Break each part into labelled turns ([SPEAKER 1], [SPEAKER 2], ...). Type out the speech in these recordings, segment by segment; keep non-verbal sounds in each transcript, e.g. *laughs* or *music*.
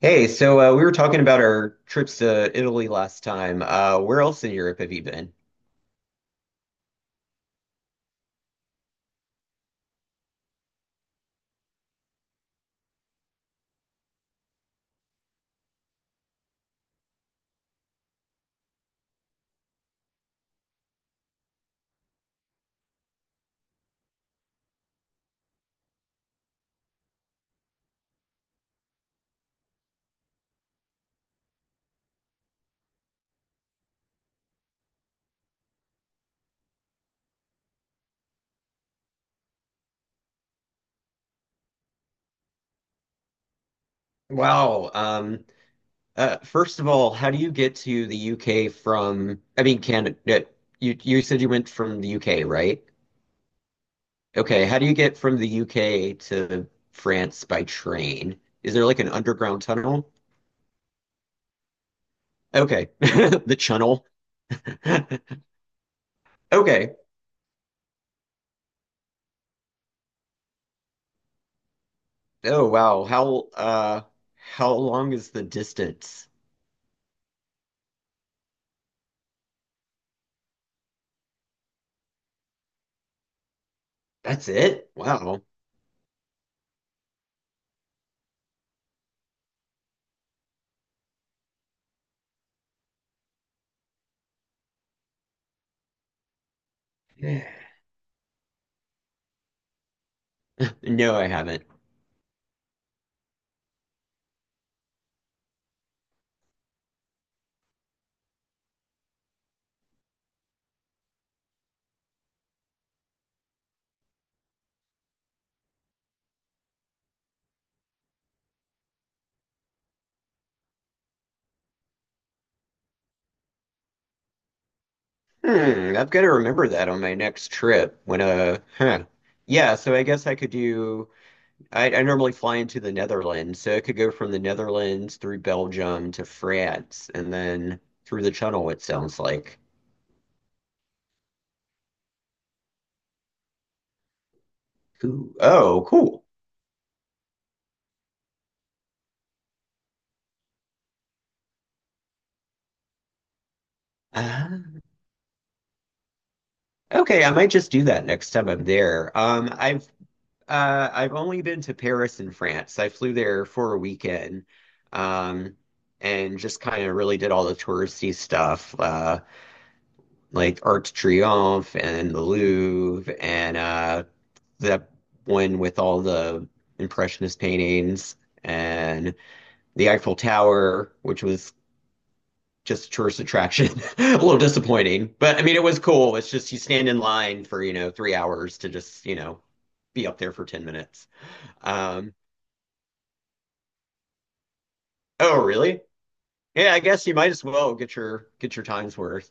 [SPEAKER 1] Hey, we were talking about our trips to Italy last time. Where else in Europe have you been? Wow. First of all, how do you get to the UK from, I mean, Canada? uh, you said you went from the UK, right? Okay, how do you get from the UK to France by train? Is there like an underground tunnel? Okay, *laughs* the channel. *laughs* Okay. Oh wow. How long is the distance? That's it? Wow. No, I haven't. Hmm, I've got to remember that on my next trip when uh huh. Yeah, so I guess I could do I normally fly into the Netherlands, so I could go from the Netherlands through Belgium to France and then through the tunnel, it sounds like. Ooh, oh, cool. Uh, okay, I might just do that next time I'm there. I've only been to Paris in France. I flew there for a weekend. Um, and just kind of really did all the touristy stuff. Uh, like Arc de Triomphe and the Louvre, and that one with all the Impressionist paintings and the Eiffel Tower, which was just a tourist attraction. *laughs* A little disappointing, but I mean, it was cool. It's just you stand in line for, you know, 3 hours to just, you know, be up there for 10 minutes. Um, oh, really? Yeah, I guess you might as well get your time's worth.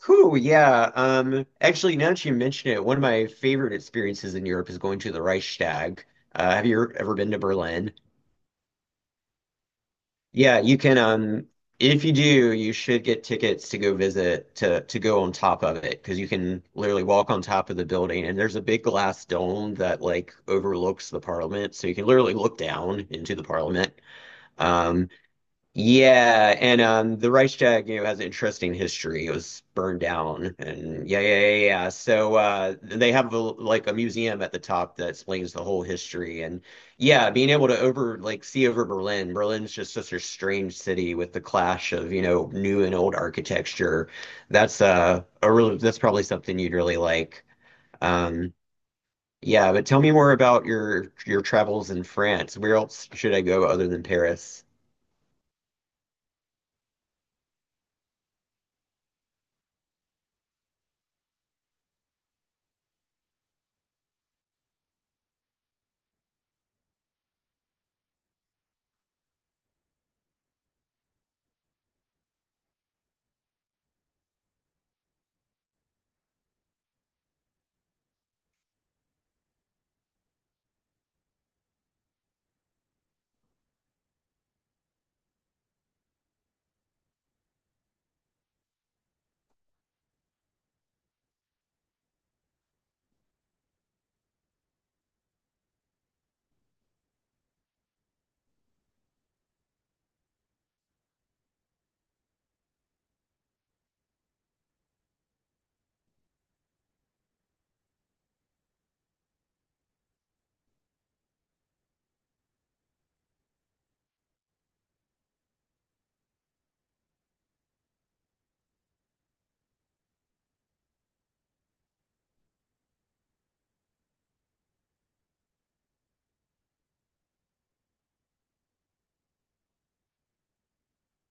[SPEAKER 1] Cool, yeah. Actually, now that you mention it, one of my favorite experiences in Europe is going to the Reichstag. Have you ever been to Berlin? Yeah, you can. If you do, you should get tickets to go visit to go on top of it because you can literally walk on top of the building, and there's a big glass dome that like overlooks the parliament, so you can literally look down into the parliament. Um, yeah, and the Reichstag, you know, has an interesting history. It was burned down, and yeah, yeah, yeah, yeah, yeah. So they have like a museum at the top that explains the whole history, and yeah, being able to over like see over Berlin. Berlin's just such a strange city with the clash of, you know, new and old architecture. That's probably something you'd really like. Um, yeah, but tell me more about your travels in France. Where else should I go other than Paris?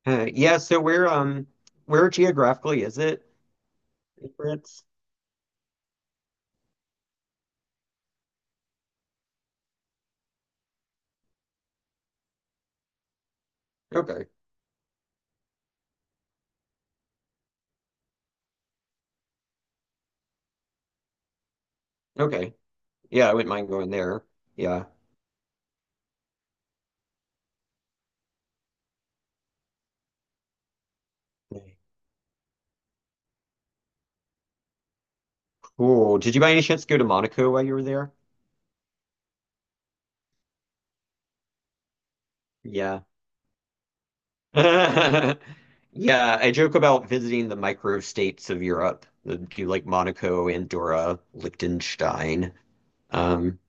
[SPEAKER 1] Yeah, so where geographically is it in France? Okay. Okay. Yeah, I wouldn't mind going there. Yeah. Cool. Did you by any chance go to Monaco while you were there? Yeah. *laughs* Yeah, I joke about visiting the micro states of Europe, the, do like Monaco, Andorra, Liechtenstein. Um,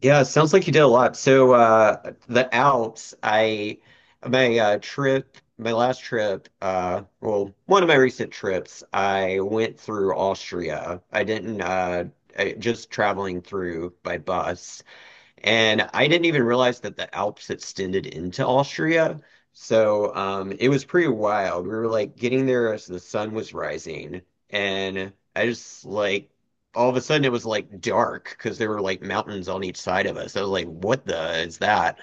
[SPEAKER 1] Yeah, it sounds like you did a lot. The Alps, my last trip, well, one of my recent trips, I went through Austria. I didn't I, just traveling through by bus. And I didn't even realize that the Alps extended into Austria. So it was pretty wild. We were like getting there as the sun was rising. And I just like, all of a sudden it was like dark because there were like mountains on each side of us. I was like, what the is that?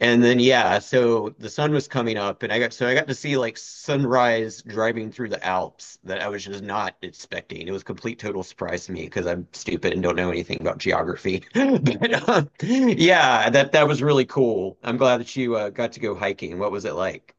[SPEAKER 1] And then yeah, so the sun was coming up and I got to see like sunrise driving through the Alps that I was just not expecting. It was a complete total surprise to me because I'm stupid and don't know anything about geography. *laughs* But yeah, that was really cool. I'm glad that you got to go hiking. What was it like?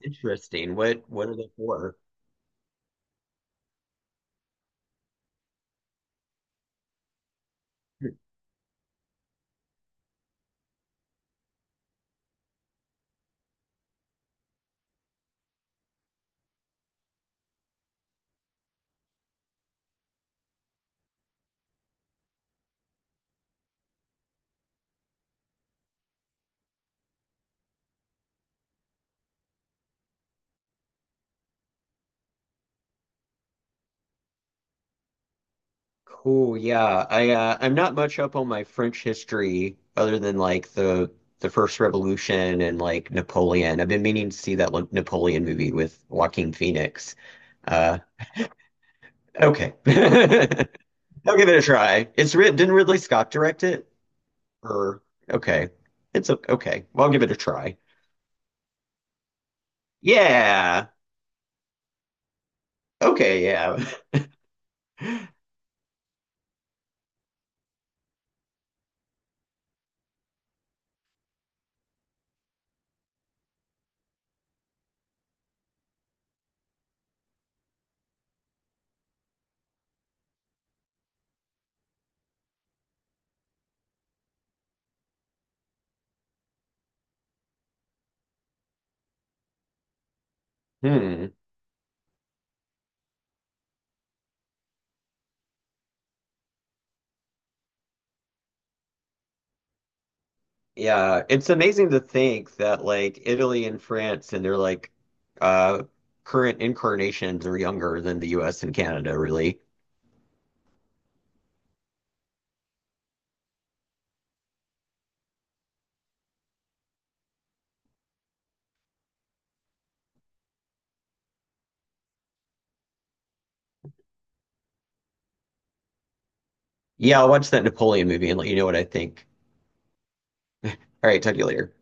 [SPEAKER 1] Interesting. What are they for? Cool. Yeah. I'm not much up on my French history other than like the First Revolution and like Napoleon. I've been meaning to see that, like, Napoleon movie with Joaquin Phoenix. Uh, okay. *laughs* I'll give it a try. It's writ Didn't Ridley Scott direct it? Or okay. It's o- okay. Well, I'll give it a try. Yeah. Okay, yeah. *laughs* Hmm. Yeah, it's amazing to think that like Italy and France and their like uh current incarnations are younger than the US and Canada, really. Yeah, I'll watch that Napoleon movie and let you know what I think. All right, talk to you later.